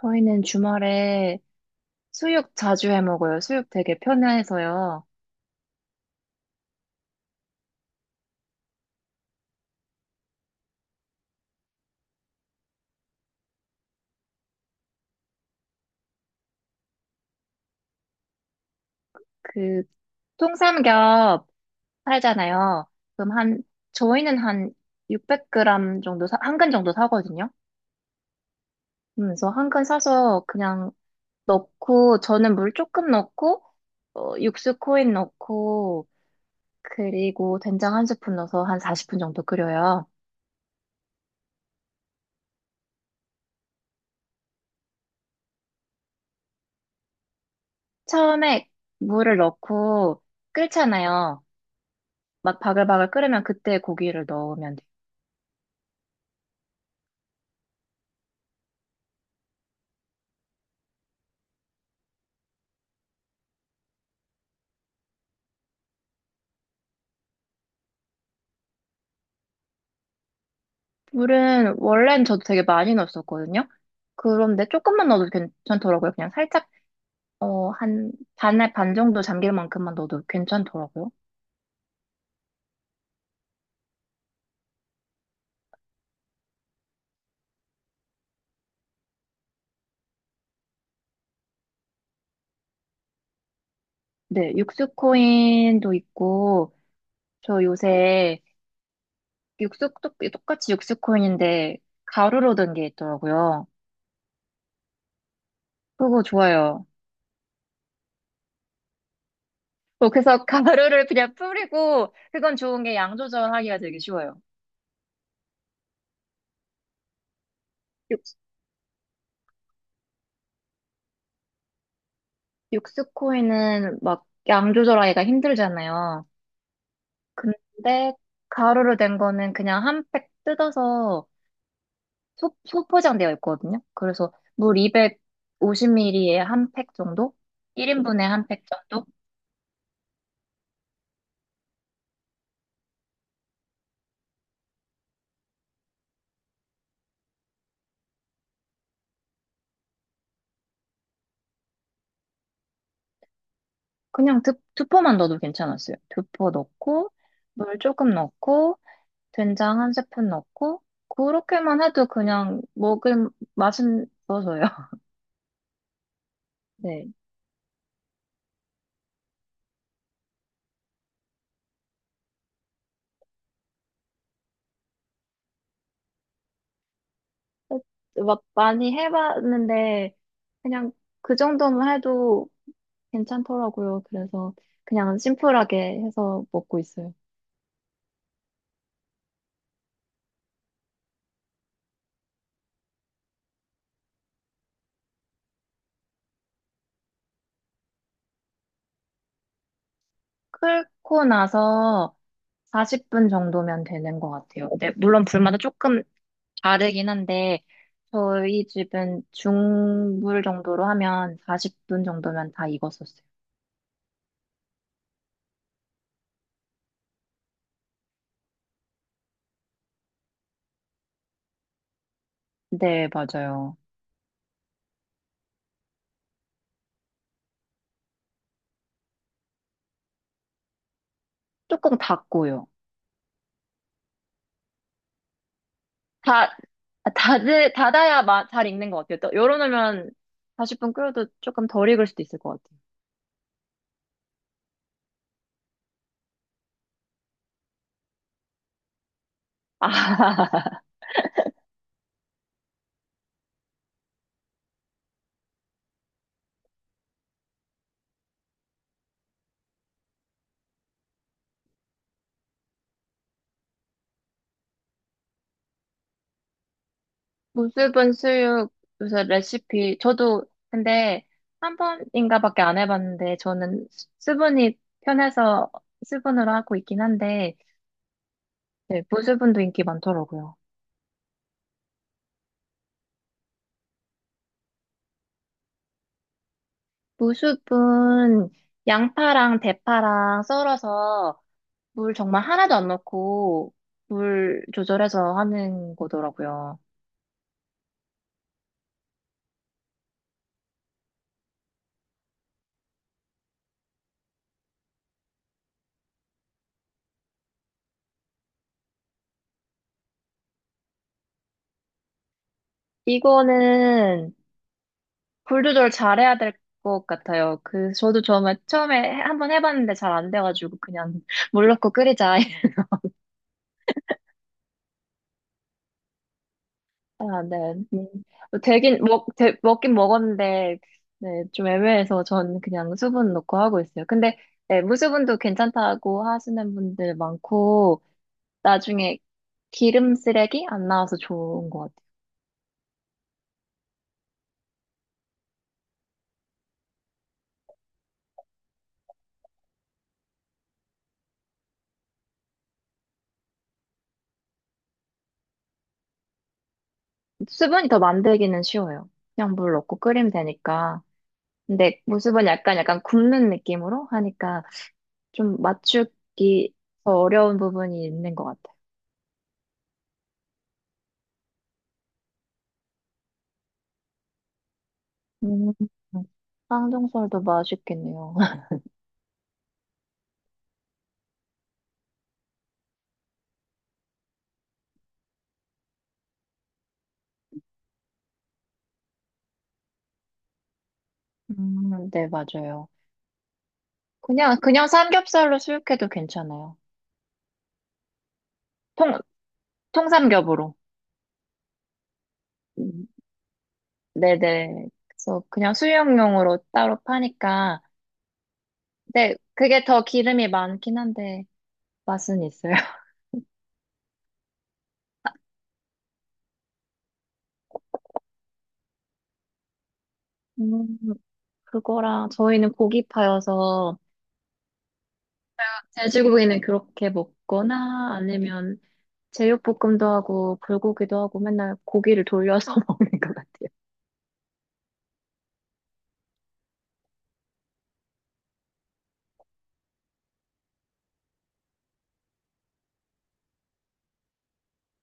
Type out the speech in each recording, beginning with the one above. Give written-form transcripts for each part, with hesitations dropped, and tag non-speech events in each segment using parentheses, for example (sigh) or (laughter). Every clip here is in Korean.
저희는 주말에 수육 자주 해 먹어요. 수육 되게 편해서요. 그 통삼겹 팔잖아요. 그럼 한 저희는 한 600g 정도 사, 한 근 정도 사거든요. 그래서 한근 사서 그냥 넣고 저는 물 조금 넣고 육수 코인 넣고 그리고 된장 한 스푼 넣어서 한 40분 정도 끓여요. 처음에 물을 넣고 끓잖아요. 막 바글바글 끓으면 그때 고기를 넣으면 돼요. 물은 원래는 저도 되게 많이 넣었었거든요. 그런데 조금만 넣어도 괜찮더라고요. 그냥 살짝 한 반에 반 정도 잠길 만큼만 넣어도 괜찮더라고요. 네, 육수코인도 있고 저 요새 육수 똑같이 육수코인인데 가루로 된 게 있더라고요. 그거 좋아요. 그래서 (laughs) 가루를 그냥 뿌리고 그건 좋은 게 양 조절하기가 되게 쉬워요. 육, 육수코인은 막 양 조절하기가 힘들잖아요. 근데 가루로 된 거는 그냥 한 팩 뜯어서 소포장되어 있거든요. 그래서 물 250ml에 한 팩 정도? 1인분에 한 팩 정도? 그냥 두 포만 넣어도 괜찮았어요. 두 포 넣고, 물 조금 넣고, 된장 한 스푼 넣고, 그렇게만 해도 그냥 먹은 맛은 있어서요. (laughs) 네. 어, 막 많이 해봤는데, 그냥 그 정도만 해도 괜찮더라고요. 그래서 그냥 심플하게 해서 먹고 있어요. 끓고 나서 40분 정도면 되는 것 같아요. 네, 물론 불마다 조금 다르긴 한데, 저희 집은 중불 정도로 하면 40분 정도면 다 익었었어요. 네, 맞아요. 조금 닫고요. 다, 닫아야 잘 익는 것 같아요. 또 열어놓으면 40분 끓여도 조금 덜 익을 수도 있을 것 같아요. 아, 무수분 수육 요새 레시피 저도 근데 한 번인가밖에 안 해봤는데 저는 수분이 편해서 수분으로 하고 있긴 한데 네, 무수분도 인기 많더라고요. 무수분 양파랑 대파랑 썰어서 물 정말 하나도 안 넣고 물 조절해서 하는 거더라고요. 이거는 불 조절 잘해야 될 것 같아요. 그, 저도 처음에 한번 해봤는데 잘 안 돼가지고, 그냥 (laughs) 물 넣고 끓이자. (laughs) 아, 네. 음, 먹긴 먹었는데, 네, 좀 애매해서 전 그냥 수분 넣고 하고 있어요. 근데, 네, 무수분도 괜찮다고 하시는 분들 많고, 나중에 기름 쓰레기 안 나와서 좋은 것 같아요. 수분이 더 만들기는 쉬워요. 그냥 물 넣고 끓이면 되니까. 근데 무수분 약간 굽는 느낌으로 하니까, 좀 맞추기 더 어려운 부분이 있는 것 같아요. 음, 쌍둥살도 맛있겠네요. (laughs) 네, 맞아요. 그냥 삼겹살로 수육해도 괜찮아요. 통, 통삼겹으로. 음, 네네. 그래서 그냥 수육용으로 따로 파니까. 근데 그게 더 기름이 많긴 한데 맛은 있어요. (laughs) 음, 그거랑 저희는 고기파여서 제주고기는 그렇게 먹거나 아니면 제육볶음도 하고 불고기도 하고 맨날 고기를 돌려서 (laughs) 먹는 것 같아요.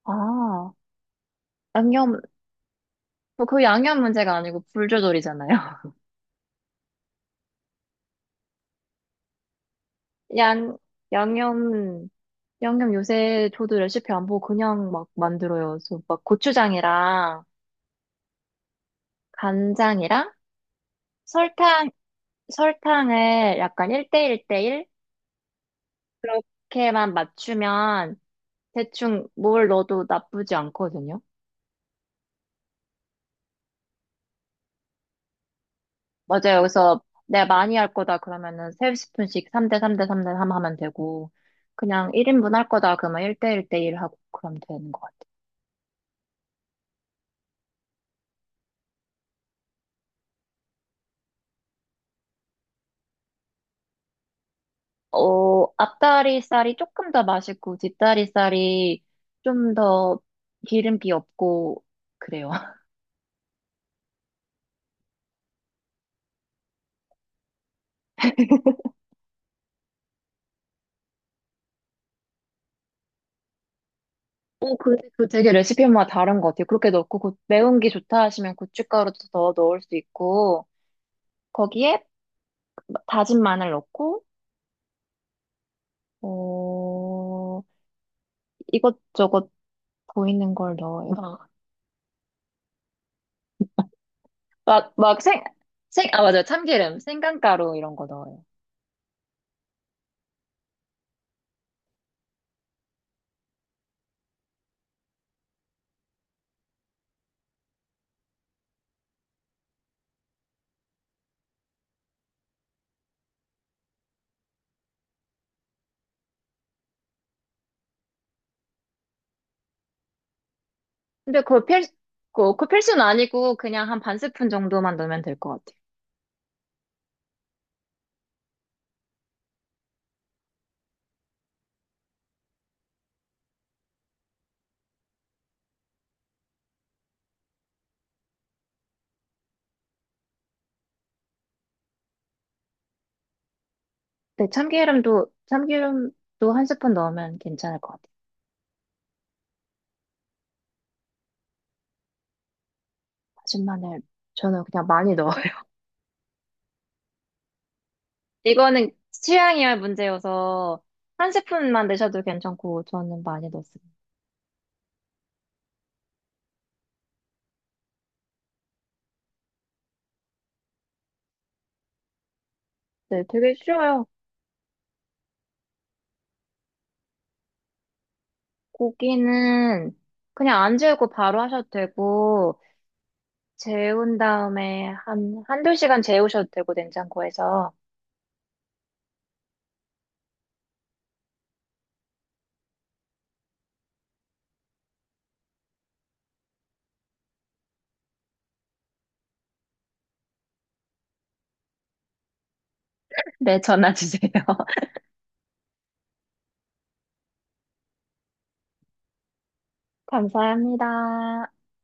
아, 양념, 뭐그 양념 문제가 아니고 불조절이잖아요. (laughs) 양, 양념, 양념 요새 저도 레시피 안 보고 그냥 막 만들어요. 그래서 막 고추장이랑 간장이랑 설탕, 설탕을 약간 1대1대1 그렇게만 맞추면 대충 뭘 넣어도 나쁘지 않거든요. 맞아요. 그래서 내가 많이 할 거다 그러면은 세 스푼씩 3대 3대 3대 3 하면 되고 그냥 1인분 할 거다 그러면 1대 1대 1 하고 그러면 되는 것 같아요. 앞다리살이 조금 더 맛있고 뒷다리살이 좀 더 기름기 없고 그래요. (laughs) 오, 그 되게 레시피마다 다른 것 같아요. 그렇게 넣고 매운 게 좋다 하시면 고춧가루도 더 넣을 수 있고 거기에 다진 마늘 넣고 어, 이것저것 보이는 걸 넣어요. 막, 막 생, 아, 맞아. 요 참기름, 생강가루 이런 거 넣어요. 근데 그 필수는 아니고 그냥 한 반 스푼 정도만 넣으면 될 것 같아요. 네, 참기름도 한 스푼 넣으면 괜찮을 것 같아요. 다진 마늘, 저는 그냥 많이 넣어요. (laughs) 이거는 취향이야 문제여서 한 스푼만 넣으셔도 괜찮고 저는 많이 넣습니다. 네, 되게 쉬워요. 고기는 그냥 안 재우고 바로 하셔도 되고, 재운 다음에 한두 시간 재우셔도 되고, 냉장고에서. 네, 전화 주세요. (laughs) 감사합니다.